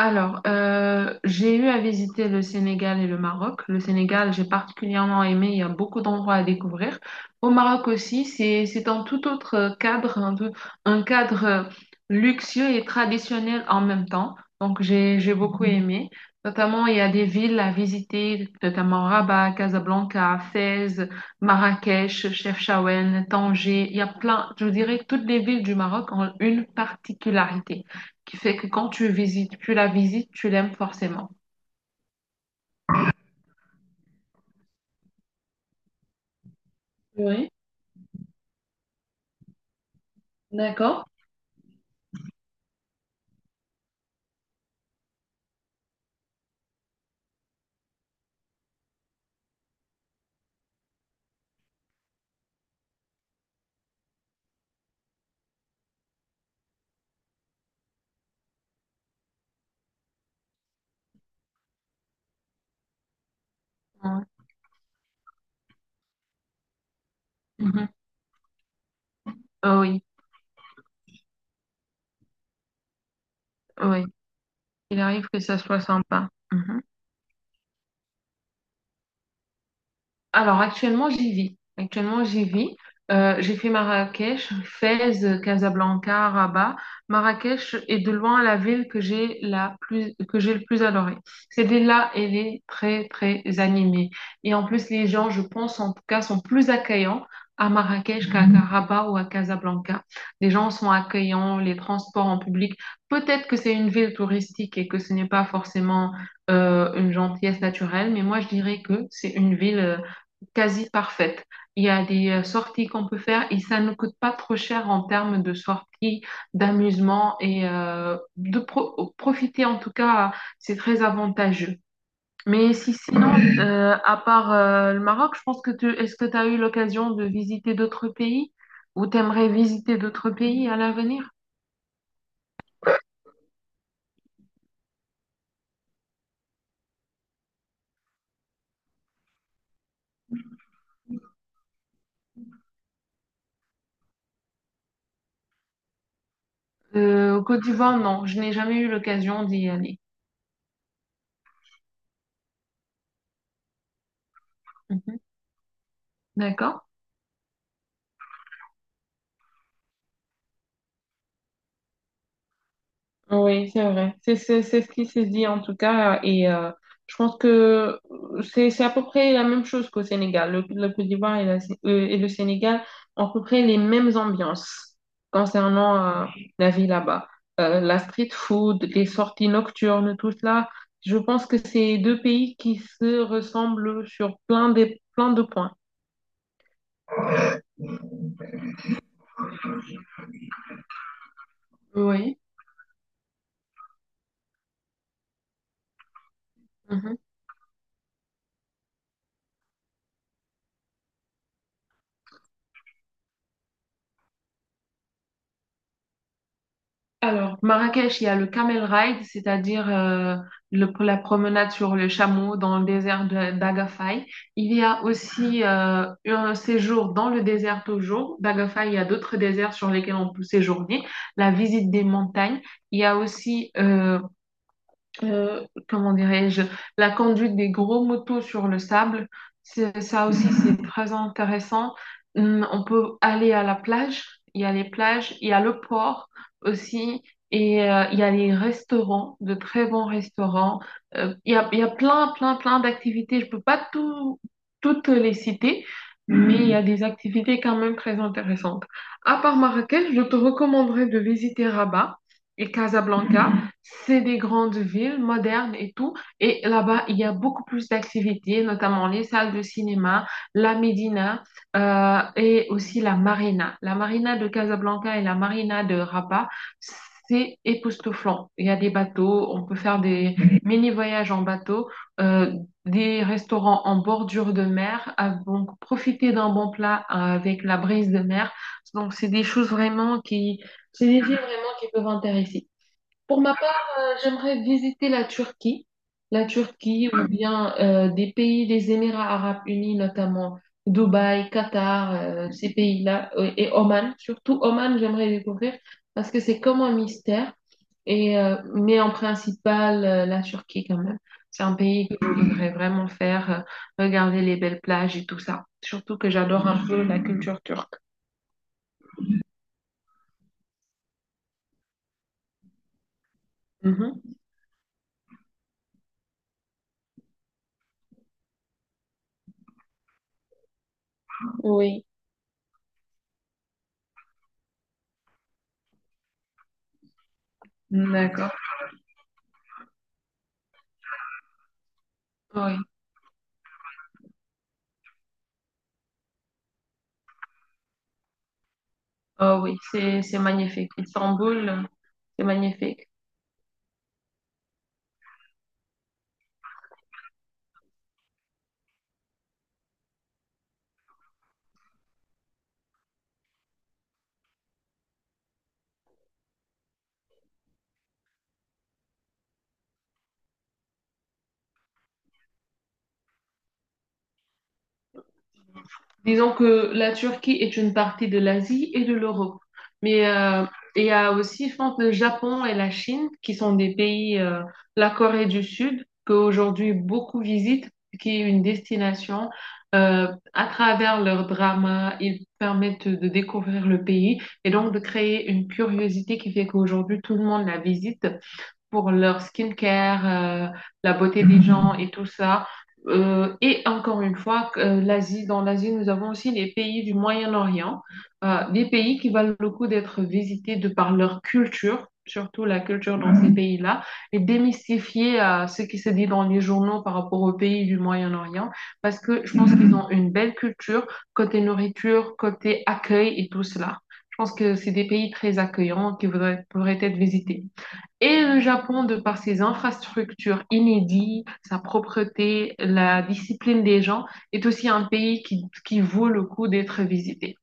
Alors, j'ai eu à visiter le Sénégal et le Maroc. Le Sénégal, j'ai particulièrement aimé, il y a beaucoup d'endroits à découvrir. Au Maroc aussi, c'est un tout autre cadre, un cadre luxueux et traditionnel en même temps. Donc, j'ai beaucoup aimé. Notamment, il y a des villes à visiter, notamment Rabat, Casablanca, Fès, Marrakech, Chefchaouen, Tanger. Il y a plein, je dirais que toutes les villes du Maroc ont une particularité qui fait que quand tu visites, tu la visites, tu l'aimes forcément. Oui, d'accord. Ouais. Mhm. Ah oui, oh oui. Il arrive que ça soit sympa. Mhm. Alors actuellement j'y vis. Actuellement j'y vis. J'ai fait Marrakech, Fès, Casablanca, Rabat. Marrakech est de loin la ville que j'ai la plus que j'ai le plus adorée. Cette ville-là, elle est très très animée. Et en plus les gens, je pense en tout cas, sont plus accueillants à Marrakech qu'à Rabat ou à Casablanca. Les gens sont accueillants, les transports en public. Peut-être que c'est une ville touristique et que ce n'est pas forcément une gentillesse naturelle, mais moi je dirais que c'est une ville quasi parfaite. Il y a des sorties qu'on peut faire et ça ne coûte pas trop cher en termes de sorties, d'amusement et de profiter en tout cas, c'est très avantageux. Mais si sinon, à part le Maroc, je pense que tu est-ce que tu as eu l'occasion de visiter d'autres pays ou t'aimerais visiter d'autres pays à l'avenir? Au Côte d'Ivoire, non, je n'ai jamais eu l'occasion d'y aller. Mhm. D'accord. Oui, c'est vrai. C'est ce qui se dit en tout cas. Et je pense que c'est à peu près la même chose qu'au Sénégal. Le Côte d'Ivoire et, et le Sénégal ont à peu près les mêmes ambiances concernant la vie là-bas. La street food, les sorties nocturnes, tout cela. Je pense que c'est deux pays qui se ressemblent sur plein de points. Oui. Alors, Marrakech, il y a le Camel Ride, c'est-à-dire la promenade sur le chameau dans le désert d'Agafay. Il y a aussi un séjour dans le désert toujours. D'Agafay, il y a d'autres déserts sur lesquels on peut séjourner. La visite des montagnes. Il y a aussi comment dirais-je, la conduite des gros motos sur le sable. Ça aussi, c'est très intéressant. On peut aller à la plage, il y a les plages, il y a le port aussi, et il y a les restaurants, de très bons restaurants. Il y a plein, plein, plein d'activités. Je peux pas tout, Toutes les citer. Mais il y a des activités quand même très intéressantes. À part Marrakech, je te recommanderais de visiter Rabat et Casablanca. C'est des grandes villes modernes et tout. Et là-bas, il y a beaucoup plus d'activités, notamment les salles de cinéma, la Médina et aussi la marina. La marina de Casablanca et la marina de Rabat, c'est époustouflant. Il y a des bateaux, on peut faire des mini-voyages en bateau, euh, des restaurants en bordure de mer, donc profiter d'un bon plat avec la brise de mer. Donc, c'est des villes vraiment qui peuvent intéresser. Pour ma part, j'aimerais visiter la Turquie ou bien des pays des Émirats arabes unis, notamment Dubaï, Qatar, ces pays-là, et Oman. Surtout Oman, j'aimerais découvrir parce que c'est comme un mystère. Et, mais en principal, la Turquie quand même. C'est un pays que je voudrais vraiment faire, regarder les belles plages et tout ça. Surtout que j'adore un peu la culture turque. Mhm. Oui, d'accord. Oui. Oh oui, c'est magnifique. Istanbul, c'est magnifique. Disons que la Turquie est une partie de l'Asie et de l'Europe. Mais il y a aussi, je pense, le Japon et la Chine qui sont des pays, la Corée du Sud, qu'aujourd'hui beaucoup visitent, qui est une destination. Euh, à travers leurs dramas, ils permettent de découvrir le pays et donc de créer une curiosité qui fait qu'aujourd'hui tout le monde la visite pour leur skincare, la beauté des gens et tout ça. Et encore une fois, dans l'Asie, nous avons aussi les pays du Moyen-Orient, des pays qui valent le coup d'être visités de par leur culture, surtout la culture dans ces pays-là, et démystifier ce qui se dit dans les journaux par rapport aux pays du Moyen-Orient, parce que je pense qu'ils ont une belle culture côté nourriture, côté accueil et tout cela. Je pense que c'est des pays très accueillants pourraient être visités. Et le Japon, de par ses infrastructures inédites, sa propreté, la discipline des gens, est aussi un pays qui vaut le coup d'être visité.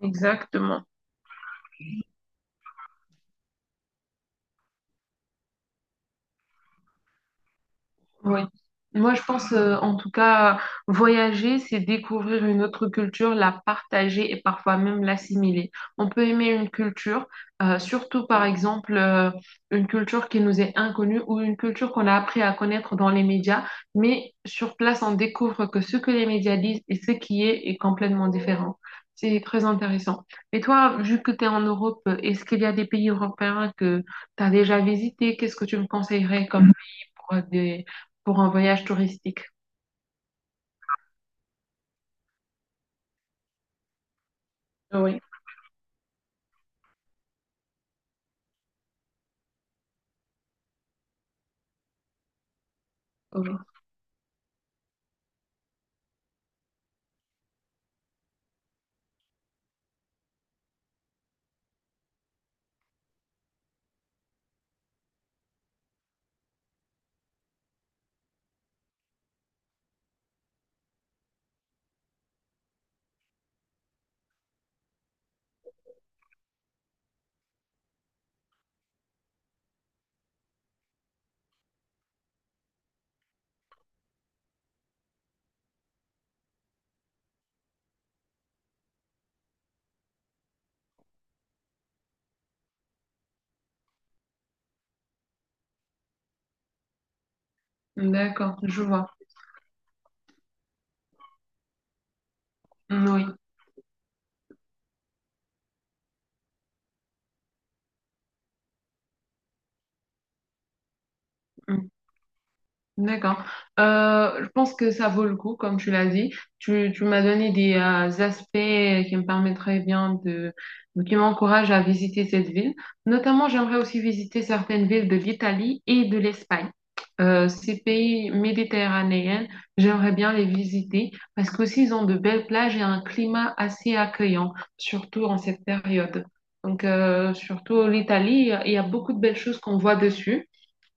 Exactement. Oui. Moi, je pense, en tout cas, voyager, c'est découvrir une autre culture, la partager et parfois même l'assimiler. On peut aimer une culture, surtout par exemple, une culture qui nous est inconnue ou une culture qu'on a appris à connaître dans les médias, mais sur place, on découvre que ce que les médias disent et ce qui est est complètement différent. C'est très intéressant. Et toi, vu que tu es en Europe, est-ce qu'il y a des pays européens que tu as déjà visités? Qu'est-ce que tu me conseillerais comme pour des, pour un voyage touristique. Oui, oui. D'accord, je vois. Oui. Mm. D'accord. Je pense que ça vaut le coup, comme tu l'as dit. Tu m'as donné des aspects qui me permettraient bien de, qui m'encouragent à visiter cette ville. Notamment, j'aimerais aussi visiter certaines villes de l'Italie et de l'Espagne. Ces pays méditerranéens, j'aimerais bien les visiter parce qu'aussi ils ont de belles plages et un climat assez accueillant, surtout en cette période. Donc, surtout l'Italie, il y a beaucoup de belles choses qu'on voit dessus.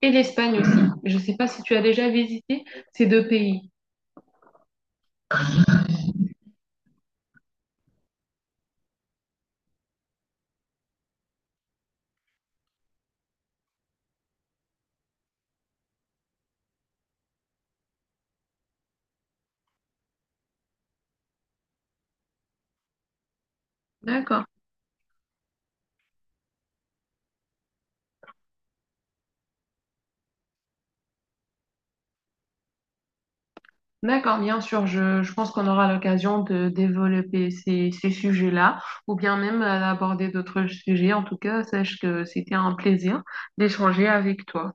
Et l'Espagne aussi. Je ne sais pas si tu as déjà visité ces deux pays. D'accord. D'accord, bien sûr, je pense qu'on aura l'occasion de développer ces sujets-là ou bien même d'aborder d'autres sujets. En tout cas, sache que c'était un plaisir d'échanger avec toi.